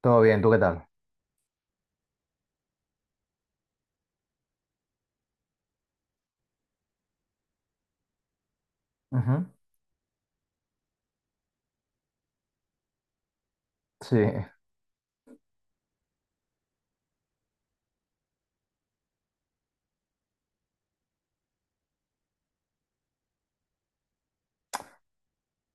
Todo bien, ¿tú qué tal? Ujú. Sí.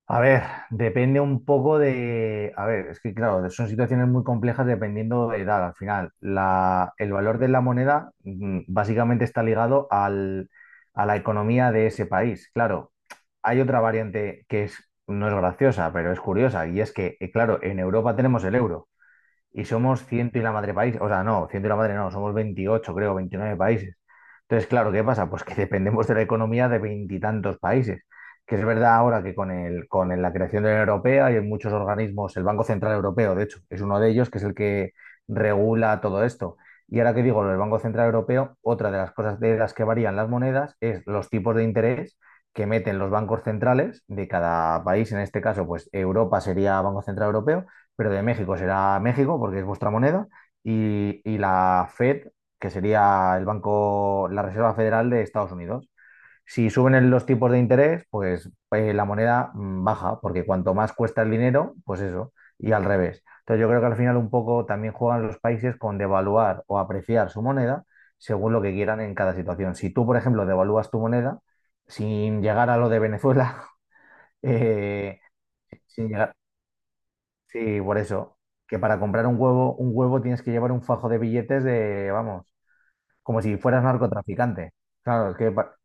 A ver, depende un poco de... A ver, es que claro, son situaciones muy complejas dependiendo de edad. Al final, el valor de la moneda básicamente está ligado a la economía de ese país. Claro, hay otra variante que es, no es graciosa, pero es curiosa, y es que, claro, en Europa tenemos el euro, y somos ciento y la madre país, o sea, no, ciento y la madre no, somos 28 creo, 29 países. Entonces, claro, ¿qué pasa? Pues que dependemos de la economía de veintitantos países, que es verdad ahora que con el- la creación de la Unión Europea y en muchos organismos, el Banco Central Europeo, de hecho, es uno de ellos, que es el que regula todo esto. Y ahora que digo lo del Banco Central Europeo, otra de las cosas de las que varían las monedas es los tipos de interés que meten los bancos centrales de cada país, en este caso, pues Europa sería Banco Central Europeo, pero de México será México, porque es vuestra moneda, y la Fed, que sería el banco, la Reserva Federal de Estados Unidos. Si suben los tipos de interés, pues la moneda baja, porque cuanto más cuesta el dinero, pues eso, y al revés. Entonces yo creo que al final un poco también juegan los países con devaluar o apreciar su moneda según lo que quieran en cada situación. Si tú, por ejemplo, devalúas tu moneda sin llegar a lo de Venezuela, eh, sin llegar, sí, por eso. Que para comprar un huevo tienes que llevar un fajo de billetes de, vamos, como si fueras narcotraficante. Claro, es que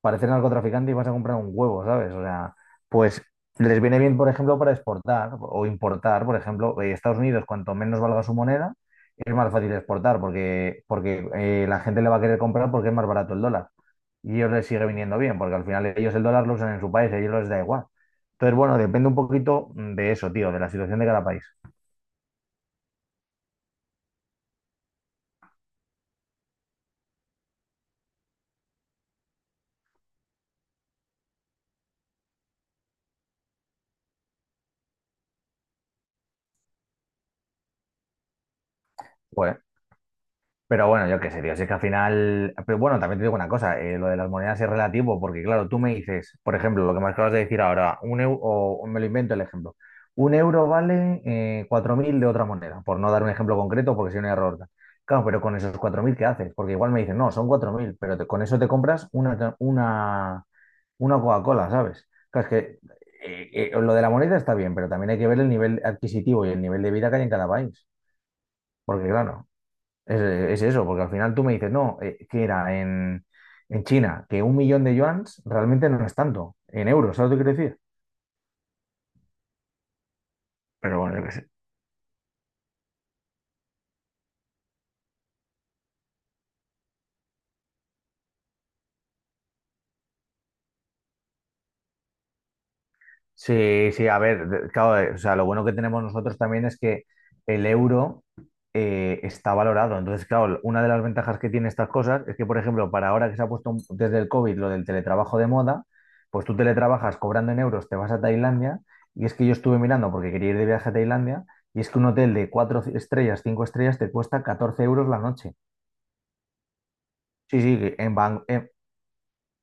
pareces narcotraficante y vas a comprar un huevo, ¿sabes? O sea, pues les viene bien, por ejemplo, para exportar o importar. Por ejemplo, Estados Unidos, cuanto menos valga su moneda, es más fácil exportar porque la gente le va a querer comprar porque es más barato el dólar. Y ellos les sigue viniendo bien, porque al final ellos el dólar lo usan en su país, a ellos les da igual. Entonces, bueno, depende un poquito de eso, tío, de la situación de cada país. Pues, pero bueno, yo qué sé, tío, si es que al final, pero bueno, también te digo una cosa, lo de las monedas es relativo, porque claro, tú me dices, por ejemplo, lo que me acabas de decir ahora, un euro, o me lo invento el ejemplo, un euro vale 4.000 de otra moneda, por no dar un ejemplo concreto, porque si no hay error. Claro, pero con esos 4.000 ¿qué haces? Porque igual me dicen, no, son 4.000, pero con eso te compras una Coca-Cola, ¿sabes? Claro, es que lo de la moneda está bien, pero también hay que ver el nivel adquisitivo y el nivel de vida que hay en cada país, porque claro. Es, es eso, porque al final tú me dices, no, que era en China, que 1.000.000 de yuans realmente no es tanto, en euros, ¿sabes lo que quiero decir? Pero bueno, yo qué sé. Sí, sí, a ver, claro, o sea, lo bueno que tenemos nosotros también es que el euro está valorado. Entonces, claro, una de las ventajas que tiene estas cosas es que, por ejemplo, para ahora que se ha puesto desde el COVID lo del teletrabajo de moda, pues tú teletrabajas cobrando en euros, te vas a Tailandia, y es que yo estuve mirando porque quería ir de viaje a Tailandia, y es que un hotel de cuatro estrellas, cinco estrellas, te cuesta 14 euros la noche. Sí, sí, en Bangkok.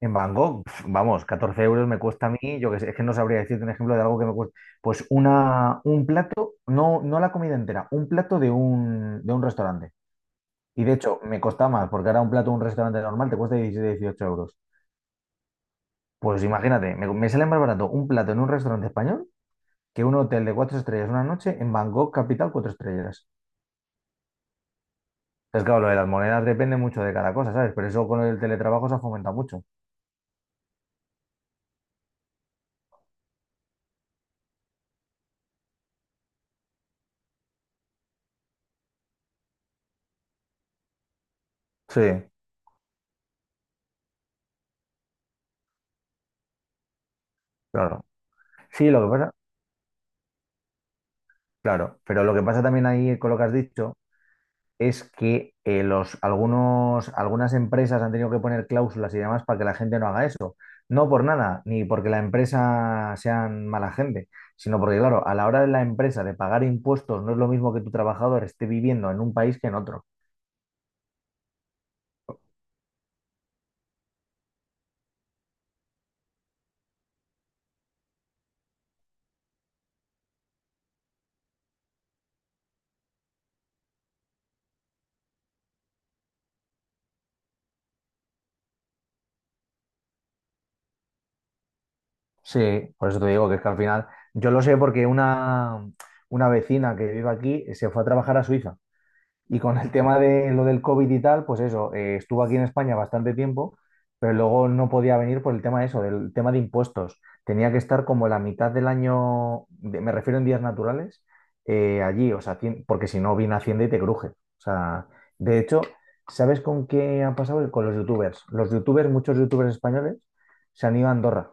En Bangkok, pf, vamos, 14 euros me cuesta a mí, yo que sé, es que no sabría decirte un ejemplo de algo que me cuesta. Un plato, no, no la comida entera, un plato de un restaurante. Y de hecho, me cuesta más, porque ahora un plato de un restaurante normal te cuesta 17 18 euros. Pues imagínate, me sale más barato un plato en un restaurante español que un hotel de cuatro estrellas una noche en Bangkok, capital, cuatro estrellas. Es claro, lo de las monedas depende mucho de cada cosa, ¿sabes? Pero eso con el teletrabajo se ha fomentado mucho. Sí, claro. Sí, lo que pasa. Claro, pero lo que pasa también ahí con lo que has dicho es que algunos, algunas empresas han tenido que poner cláusulas y demás para que la gente no haga eso. No por nada, ni porque la empresa sean mala gente, sino porque, claro, a la hora de la empresa de pagar impuestos no es lo mismo que tu trabajador esté viviendo en un país que en otro. Sí, por eso te digo que es que al final, yo lo sé porque una vecina que vive aquí se fue a trabajar a Suiza. Y con el tema de lo del COVID y tal, pues eso, estuvo aquí en España bastante tiempo, pero luego no podía venir por el tema de eso, del tema de impuestos. Tenía que estar como la mitad del año, me refiero en días naturales, allí, o sea, porque si no viene Hacienda y te cruje. O sea, de hecho, ¿sabes con qué ha pasado? Con los youtubers. Los youtubers, muchos youtubers españoles, se han ido a Andorra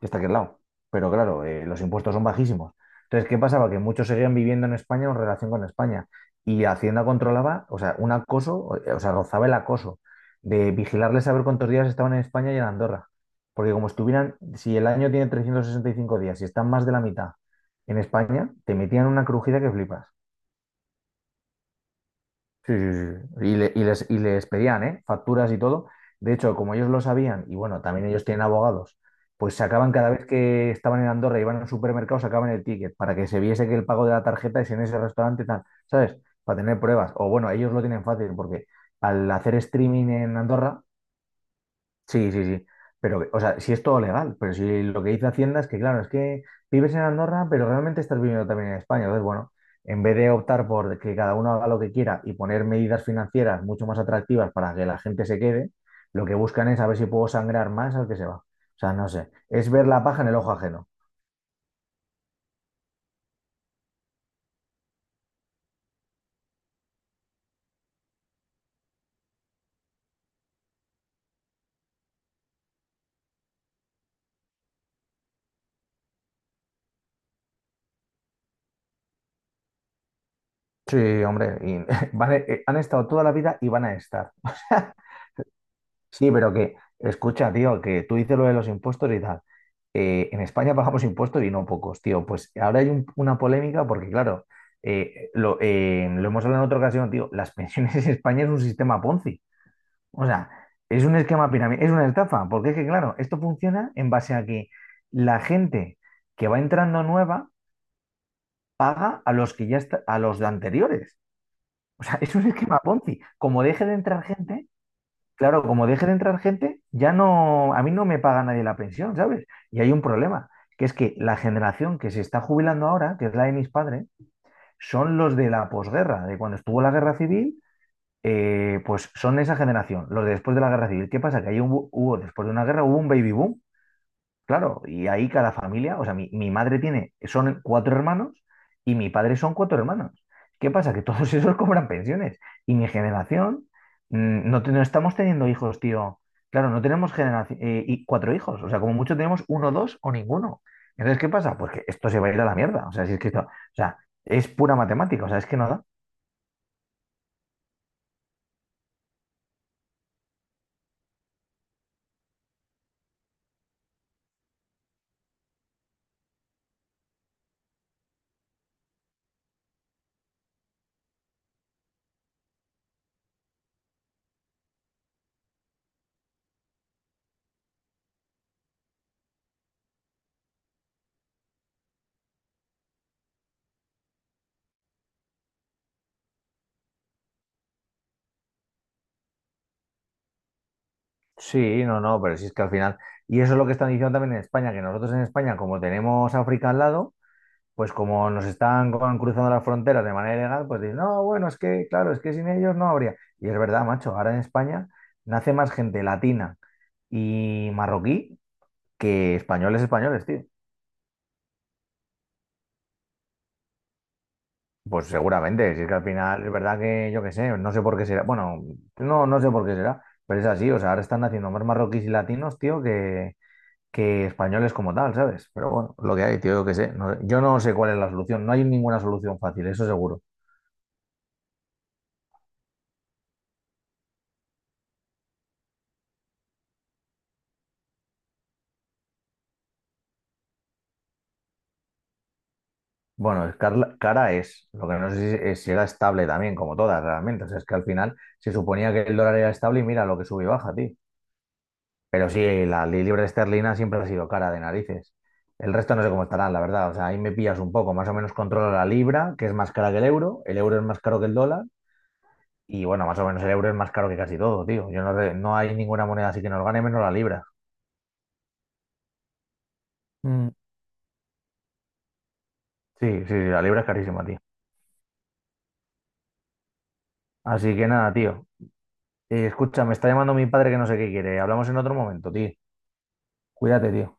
que está aquí al lado. Pero claro, los impuestos son bajísimos. Entonces, ¿qué pasaba? Que muchos seguían viviendo en España o en relación con España. Y Hacienda controlaba, o sea, un acoso, o sea, rozaba el acoso de vigilarles a ver cuántos días estaban en España y en Andorra. Porque como estuvieran, si el año tiene 365 días y están más de la mitad en España, te metían una crujida que flipas. Sí, sí, sí, sí. Y, y les pedían, ¿eh? Facturas y todo. De hecho, como ellos lo sabían, y bueno, también ellos tienen abogados, pues sacaban cada vez que estaban en Andorra y iban al supermercado, sacaban el ticket para que se viese que el pago de la tarjeta es en ese restaurante y tal, ¿sabes? Para tener pruebas. O bueno, ellos lo tienen fácil porque al hacer streaming en Andorra, sí, sí, sí. Pero, o sea, si es todo legal, pero si lo que dice Hacienda es que, claro, es que vives en Andorra, pero realmente estás viviendo también en España. Entonces, bueno, en vez de optar por que cada uno haga lo que quiera y poner medidas financieras mucho más atractivas para que la gente se quede, lo que buscan es a ver si puedo sangrar más al que se va. O sea, no sé, es ver la paja en el ojo ajeno. Sí, hombre, y han estado toda la vida y van a estar. Sí, pero que, escucha, tío, que tú dices lo de los impuestos y tal. En España pagamos impuestos y no pocos, tío. Pues ahora hay una polémica porque, claro, lo hemos hablado en otra ocasión, tío. Las pensiones en España es un sistema Ponzi. O sea, es un esquema pirámide, es una estafa. Porque es que, claro, esto funciona en base a que la gente que va entrando nueva paga a los que ya está, a los de anteriores. O sea, es un esquema Ponzi. Como deje de entrar gente, claro, como deje de entrar gente, ya no, a mí no me paga nadie la pensión, ¿sabes? Y hay un problema, que es que la generación que se está jubilando ahora, que es la de mis padres, son los de la posguerra, de cuando estuvo la guerra civil, pues son esa generación, los de después de la guerra civil. ¿Qué pasa? Que ahí hubo- después de una guerra, hubo un baby boom. Claro, y ahí cada familia, o sea, mi madre tiene, son cuatro hermanos y mi padre son cuatro hermanos. ¿Qué pasa? Que todos esos cobran pensiones y mi generación no, no estamos teniendo hijos, tío. Claro, no tenemos y cuatro hijos, o sea, como mucho tenemos uno, dos o ninguno. Entonces, ¿qué pasa? Pues que esto se va a ir a la mierda, o sea, si es que esto, o sea, es pura matemática, o sea, es que no da. Sí, no, no, pero si es que al final, y eso es lo que están diciendo también en España, que nosotros en España, como tenemos África al lado, pues como nos están cruzando las fronteras de manera ilegal, pues dicen, no, bueno, es que, claro, es que sin ellos no habría. Y es verdad, macho, ahora en España nace más gente latina y marroquí que españoles españoles, tío. Pues seguramente, si es que al final es verdad que yo qué sé, no sé por qué será, bueno, no, no sé por qué será, pero es así, o sea, ahora están naciendo más marroquíes y latinos, tío, que españoles como tal, ¿sabes? Pero bueno, lo que hay, tío, yo qué sé, yo no sé cuál es la solución, no hay ninguna solución fácil, eso seguro. Bueno, es cara es, lo que no sé si, es si era estable también, como todas realmente. O sea, es que al final se suponía que el dólar era estable y mira lo que sube y baja, tío. Pero sí, la libra esterlina siempre ha sido cara de narices. El resto no sé cómo estarán, la verdad. O sea, ahí me pillas un poco. Más o menos controlo la libra, que es más cara que el euro. El euro es más caro que el dólar. Y bueno, más o menos el euro es más caro que casi todo, tío. Yo no, no hay ninguna moneda así que nos gane menos la libra. Mm. Sí, sí, sí, la libra es carísima, tío. Así que nada, tío. Escucha, me está llamando mi padre que no sé qué quiere. Hablamos en otro momento, tío. Cuídate, tío.